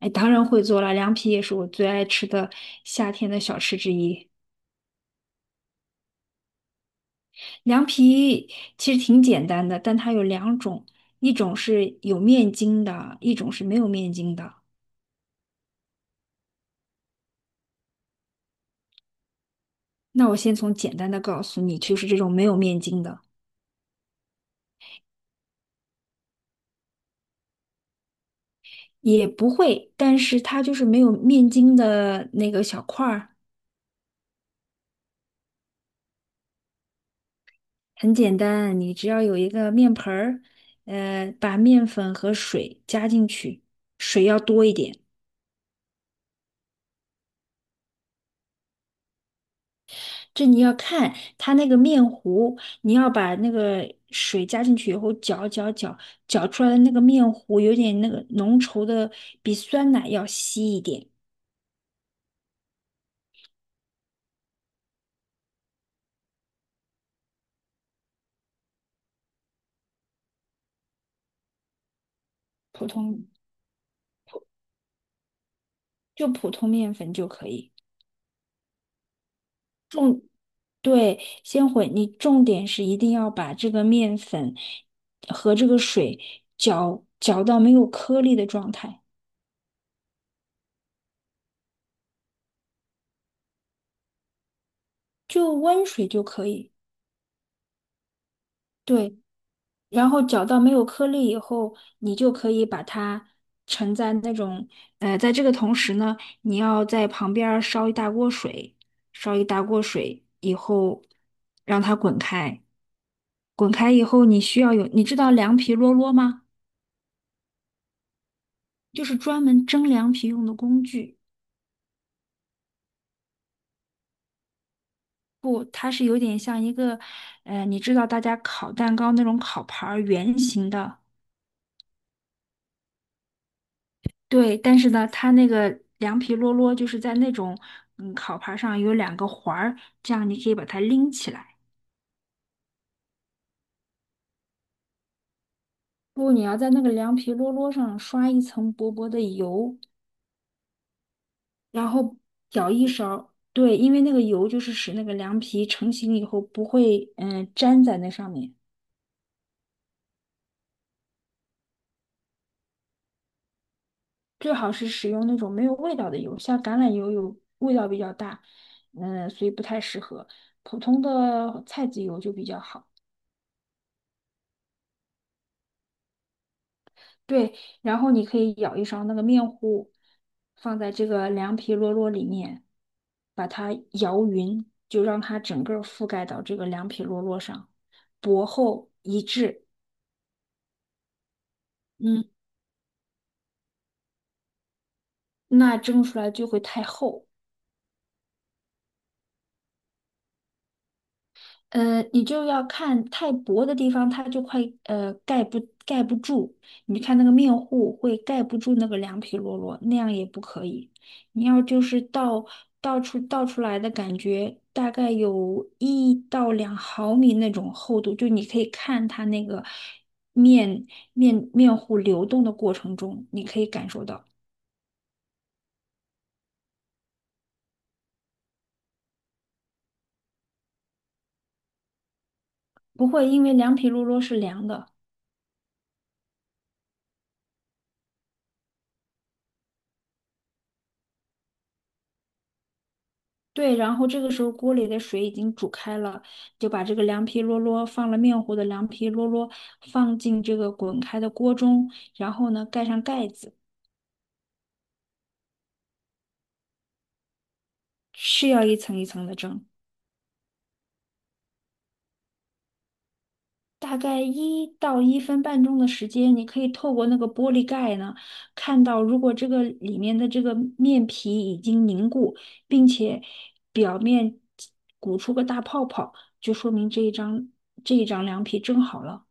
哎，当然会做了，凉皮也是我最爱吃的夏天的小吃之一。凉皮其实挺简单的，但它有两种，一种是有面筋的，一种是没有面筋的。那我先从简单的告诉你，就是这种没有面筋的。也不会，但是它就是没有面筋的那个小块儿。很简单，你只要有一个面盆儿，把面粉和水加进去，水要多一点。这你要看它那个面糊，你要把那个水加进去以后搅搅搅，搅出来的那个面糊有点那个浓稠的，比酸奶要稀一点。普通就普通面粉就可以。对，先混，你重点是一定要把这个面粉和这个水搅到没有颗粒的状态，就温水就可以。对，然后搅到没有颗粒以后，你就可以把它盛在那种，在这个同时呢，你要在旁边儿烧一大锅水，烧一大锅水以后，让它滚开，滚开以后，你需要有，你知道凉皮啰啰吗？就是专门蒸凉皮用的工具。不，它是有点像一个，你知道大家烤蛋糕那种烤盘儿圆形的。对，但是呢，它那个凉皮啰啰就是在那种烤盘儿上有两个环儿，这样你可以把它拎起来。不，你要在那个凉皮啰啰上刷一层薄薄的油，然后舀一勺。对，因为那个油就是使那个凉皮成型以后不会粘在那上面。最好是使用那种没有味道的油，像橄榄油有味道比较大，所以不太适合。普通的菜籽油就比较好。对，然后你可以舀一勺那个面糊，放在这个凉皮摞摞里面，把它摇匀，就让它整个儿覆盖到这个凉皮摞摞上，薄厚一致。嗯，那蒸出来就会太厚。你就要看太薄的地方，它就快盖不住。你看那个面糊会盖不住那个凉皮罗罗，那样也不可以。你要就是倒出来的感觉，大概有1到2毫米那种厚度，就你可以看它那个面面糊流动的过程中，你可以感受到。不会因为凉皮罗罗是凉的。对，然后这个时候锅里的水已经煮开了，就把这个凉皮啰啰放了面糊的凉皮啰啰放进这个滚开的锅中，然后呢盖上盖子。是要一层一层的蒸。大概1到1分半钟的时间，你可以透过那个玻璃盖呢，看到如果这个里面的这个面皮已经凝固，并且表面鼓出个大泡泡，就说明这一张凉皮蒸好了。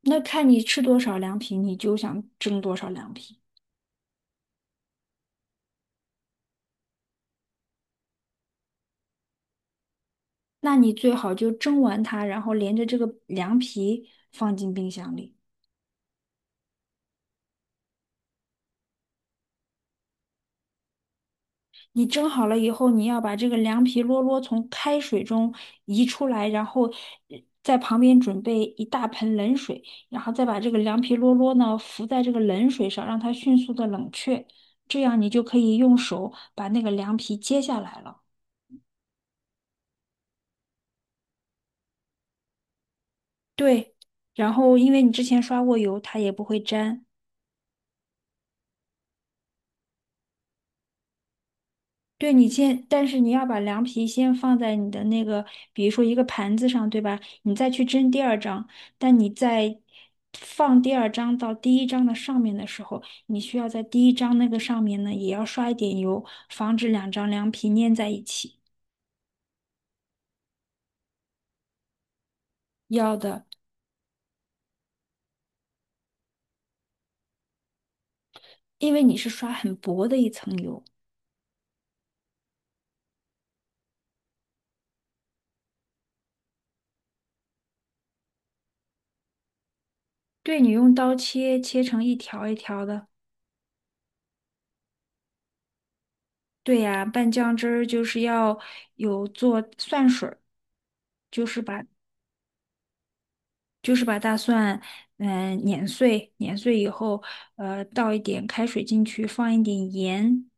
那看你吃多少凉皮，你就想蒸多少凉皮。那你最好就蒸完它，然后连着这个凉皮放进冰箱里。你蒸好了以后，你要把这个凉皮啰啰从开水中移出来，然后呃在旁边准备一大盆冷水，然后再把这个凉皮啰啰呢浮在这个冷水上，让它迅速的冷却。这样你就可以用手把那个凉皮揭下来了。对，然后因为你之前刷过油，它也不会粘。对你先，但是你要把凉皮先放在你的那个，比如说一个盘子上，对吧？你再去蒸第二张。但你在放第二张到第一张的上面的时候，你需要在第一张那个上面呢，也要刷一点油，防止两张凉皮粘在一起。要的。因为你是刷很薄的一层油。对，你用刀切，切成一条一条的。对呀，拌酱汁儿就是要有做蒜水儿，就是把就是把大蒜，碾碎，碾碎以后，倒一点开水进去，放一点盐。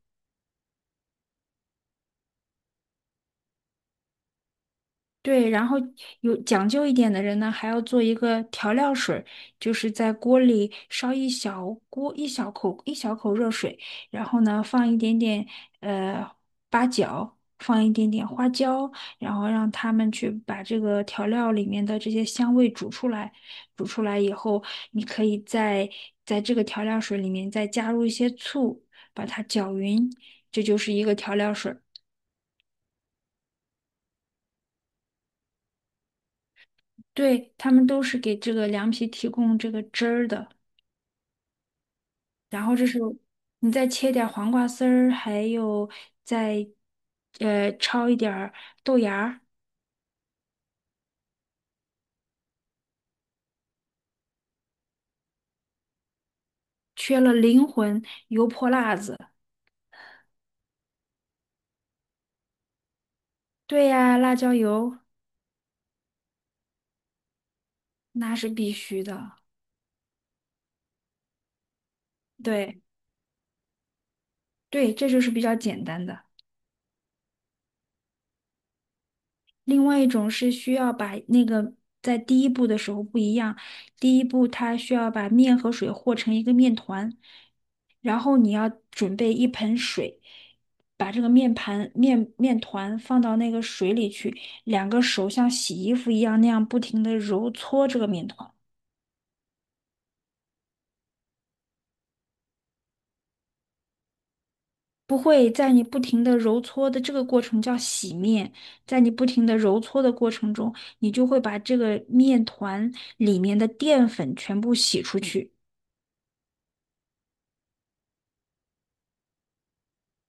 对，然后有讲究一点的人呢，还要做一个调料水儿，就是在锅里烧一小锅一小口一小口热水，然后呢放一点点呃八角，放一点点花椒，然后让他们去把这个调料里面的这些香味煮出来。煮出来以后，你可以在这个调料水里面再加入一些醋，把它搅匀，这就是一个调料水。对，他们都是给这个凉皮提供这个汁儿的。然后这是你再切点儿黄瓜丝儿，还有再焯一点儿豆芽儿。缺了灵魂油泼辣子。对呀，辣椒油那是必须的。对，对，这就是比较简单的。另外一种是需要把那个在第一步的时候不一样，第一步它需要把面和水和成一个面团，然后你要准备一盆水，把这个面盘面面团放到那个水里去，两个手像洗衣服一样那样不停的揉搓这个面团。不会，在你不停的揉搓的这个过程叫洗面。在你不停的揉搓的过程中，你就会把这个面团里面的淀粉全部洗出去。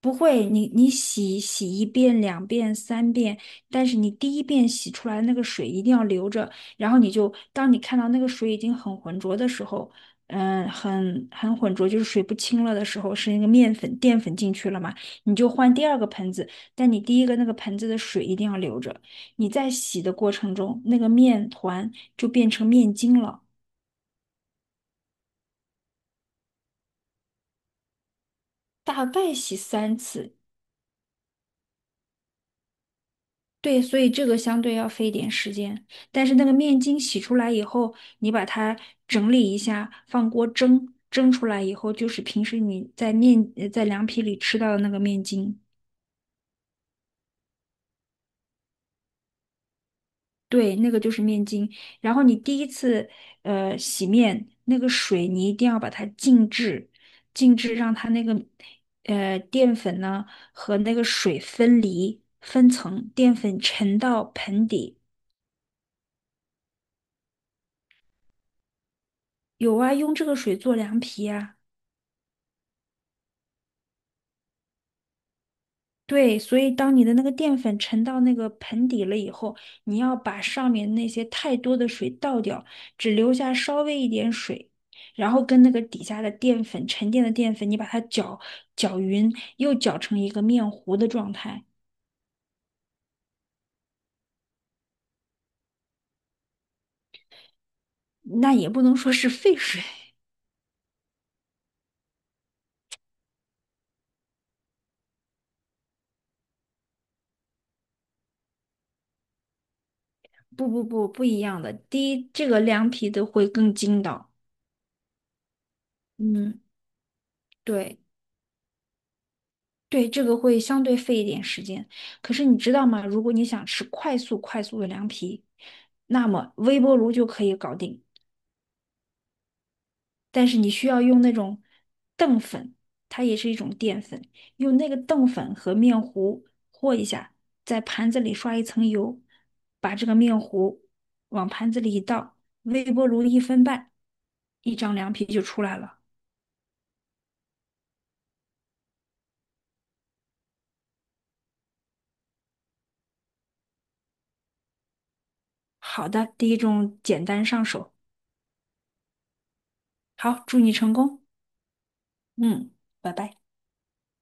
不会，你洗一遍、两遍、三遍，但是你第一遍洗出来那个水一定要留着，然后你就当你看到那个水已经很浑浊的时候，很浑浊，就是水不清了的时候，是那个面粉淀粉进去了嘛，你就换第二个盆子，但你第一个那个盆子的水一定要留着。你在洗的过程中，那个面团就变成面筋了。大概洗三次。对，所以这个相对要费一点时间，但是那个面筋洗出来以后，你把它整理一下，放锅蒸，蒸出来以后就是平时你在凉皮里吃到的那个面筋。对，那个就是面筋。然后你第一次洗面，那个水你一定要把它静置，静置让它那个淀粉呢和那个水分离分层，淀粉沉到盆底。有啊，用这个水做凉皮啊。对，所以当你的那个淀粉沉到那个盆底了以后，你要把上面那些太多的水倒掉，只留下稍微一点水，然后跟那个底下的淀粉沉淀的淀粉，你把它搅匀，又搅成一个面糊的状态。那也不能说是沸水。不，不，不，不一样的。第一，这个凉皮的会更筋道。嗯，对。对，这个会相对费一点时间。可是你知道吗？如果你想吃快速的凉皮，那么微波炉就可以搞定。但是你需要用那种淀粉，它也是一种淀粉，用那个淀粉和面糊和一下，在盘子里刷一层油，把这个面糊往盘子里一倒，微波炉一分半，一张凉皮就出来了。好的，第一种简单上手。好，祝你成功。嗯，拜拜。